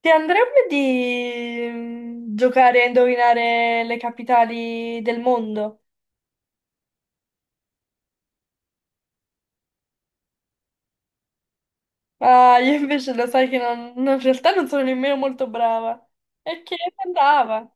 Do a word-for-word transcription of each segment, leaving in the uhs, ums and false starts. Ti andrebbe di mm, giocare a indovinare le capitali del mondo? Ah, io invece lo sai che non, non- in realtà non sono nemmeno molto brava. E che andava?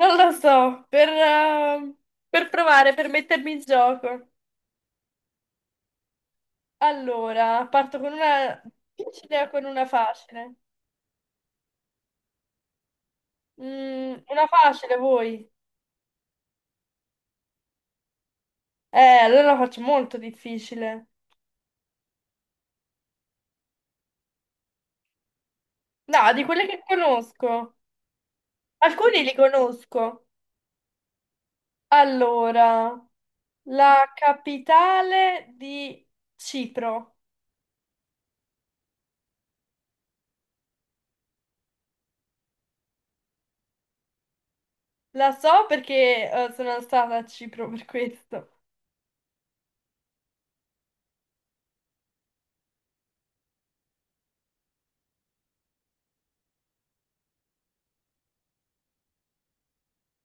Non lo so, per, ehm, per provare, per mettermi in gioco. Allora, parto con una difficile o con una facile? Mm, una facile, voi? Eh, allora la faccio molto difficile. No, di quelle che conosco. Alcuni li conosco. Allora. La capitale di Cipro. La so perché eh, sono stata a Cipro per questo.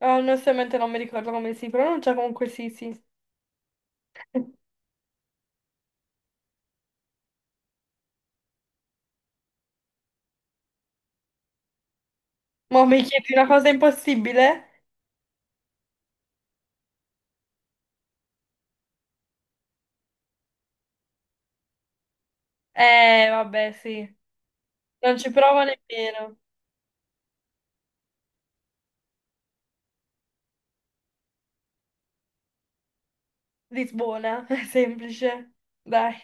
Eh, onestamente non mi ricordo come si pronuncia, comunque sì, sì. Ma mi chiedi una cosa impossibile? Eh, vabbè, sì. Non ci provo nemmeno. Lisbona, è semplice. Dai.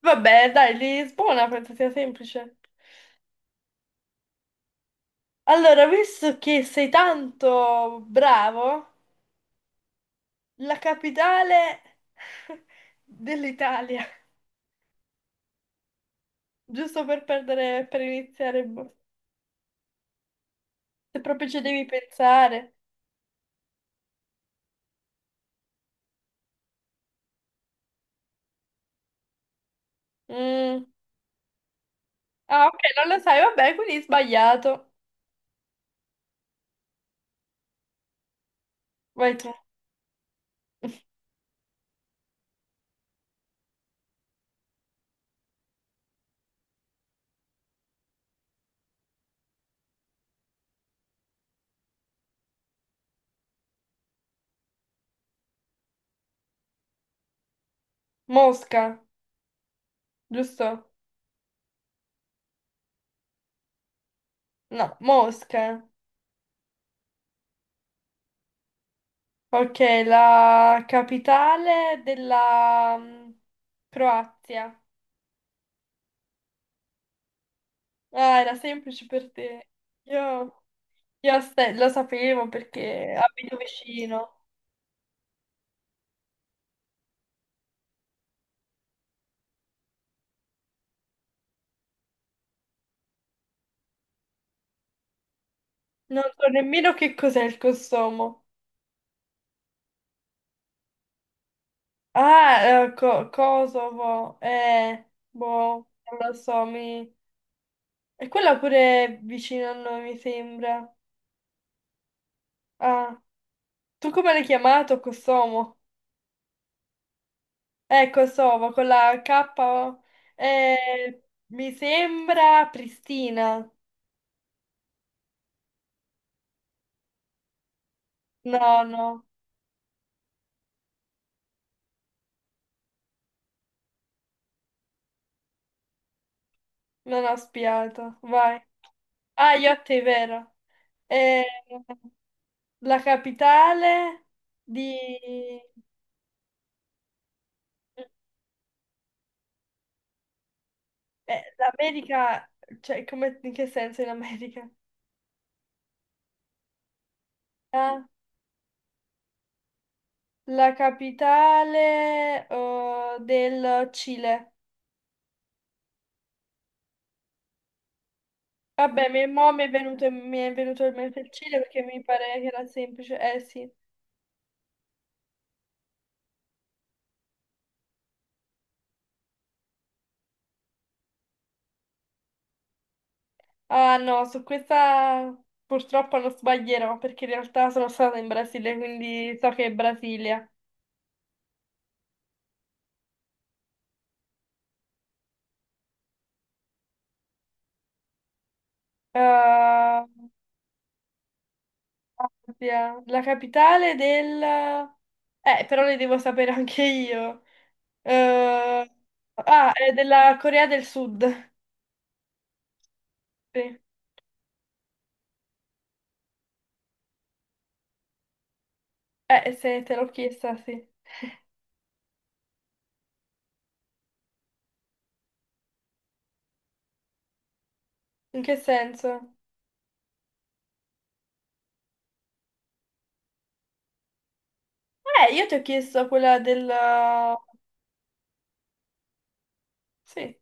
Vabbè, dai, Lisbona penso sia semplice. Allora, visto che sei tanto bravo, la capitale dell'Italia. Giusto per perdere, per iniziare, boh. Se proprio ci devi pensare. Mm. Ah, ok, non lo sai, vabbè, quindi sbagliato. Vai tu. Mosca, giusto? No, Mosca. Ok, la capitale della mm, Croazia. Ah, era semplice per te. Io, io a Ste- lo sapevo perché abito vicino. Non so nemmeno che cos'è il Kosovo. Ah, eh, Co- Kosovo, eh, boh, non lo so, mi... E quella pure è vicino a noi, mi sembra. Ah, tu come l'hai chiamato, Kosovo? Eh, Kosovo, con la K, eh, mi sembra Pristina. No, no, non ho spiato, vai. Ah, Iotti, è vero. Eh, la capitale di... Eh, l'America, cioè, come, in che senso in America? Ah, la capitale, eh, del Cile. Vabbè, mi, mo mi è venuto, mi è venuto in mente il Cile perché mi pare che era semplice. Eh sì. Ah no, su questa purtroppo non sbaglierò perché in realtà sono stata in Brasile, quindi so che è Brasilia. Ah, Abbia- La capitale del... Eh, però le devo sapere anche io. Eh, Ah, è della Corea del Sud. Sì. Eh, se te l'ho chiesta, sì. In che senso? Eh, io ti ho chiesto quella del... Sì,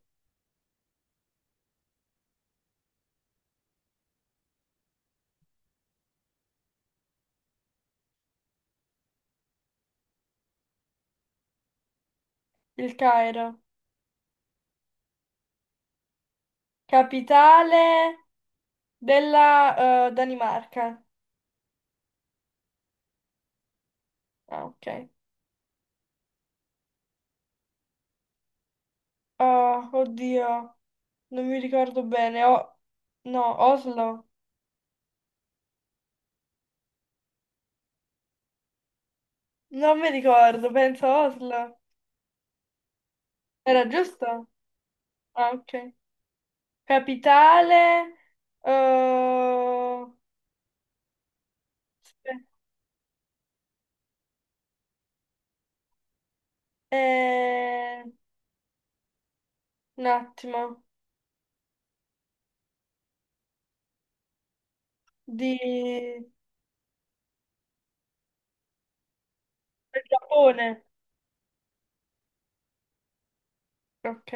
il Cairo. Capitale della eh, Danimarca. Ah, ok. Ah, oddio, non mi ricordo bene. O- No, Oslo. Non mi ricordo, penso Oslo. Era giusto? Ah, ok. Capitale. eh, aspe- eh, un attimo. Di... del Giappone. Ok.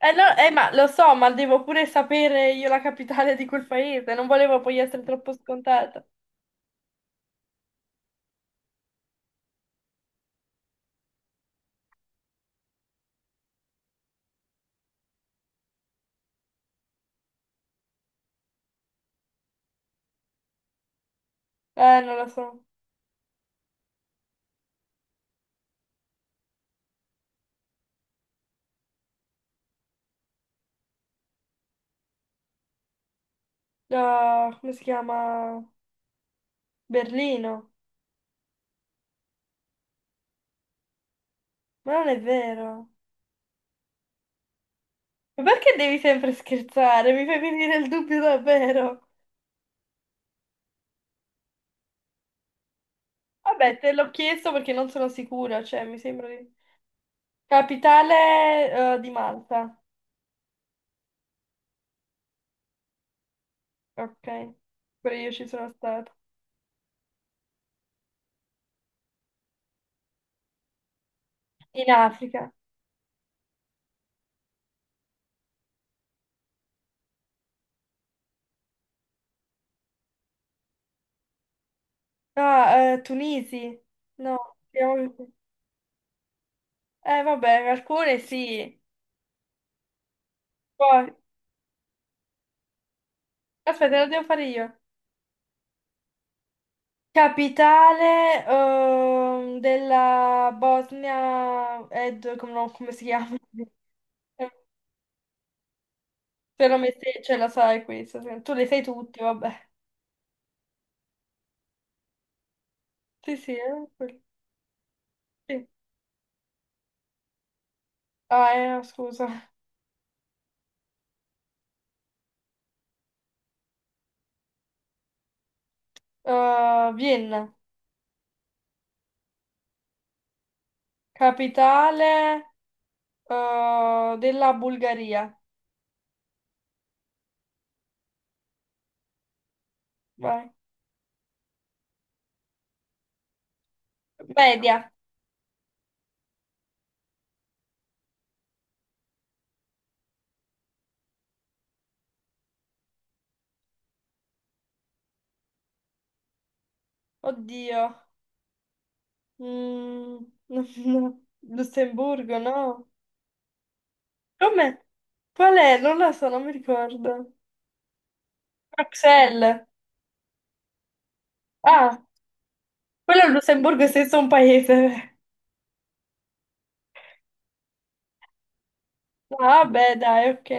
Eh no, eh, ma lo so, ma devo pure sapere io la capitale di quel paese. Non volevo poi essere troppo scontata. Eh, non lo so. Ah, come si chiama? Berlino. Ma non è vero. Ma perché devi sempre scherzare? Mi fai venire il dubbio davvero. Vabbè, te l'ho chiesto perché non sono sicura, cioè mi sembra di... Capitale, eh, di Malta. Ok, pure io ci sono stata. In Africa. Ah, eh, Tunisi. No, siamo... Eh, vabbè, alcune sì. Poi, aspetta, lo devo fare io. Capitale, ehm, della Bosnia... Ed, come, no, come si chiama? Te lo metti, ce la sai questa, se- no, tu le sai tutti, vabbè. Sì, sì, eh, quel- sì. Ah, eh, no, scusa. Uh, Vienna, capitale uh, della Bulgaria. Vai. Media. Oddio. Mm, no. Lussemburgo, no? Come? Qual è? Non lo so, non mi ricordo. Bruxelles. Ah, quello è il Lussemburgo è senza un paese. Ah, beh, dai, ok.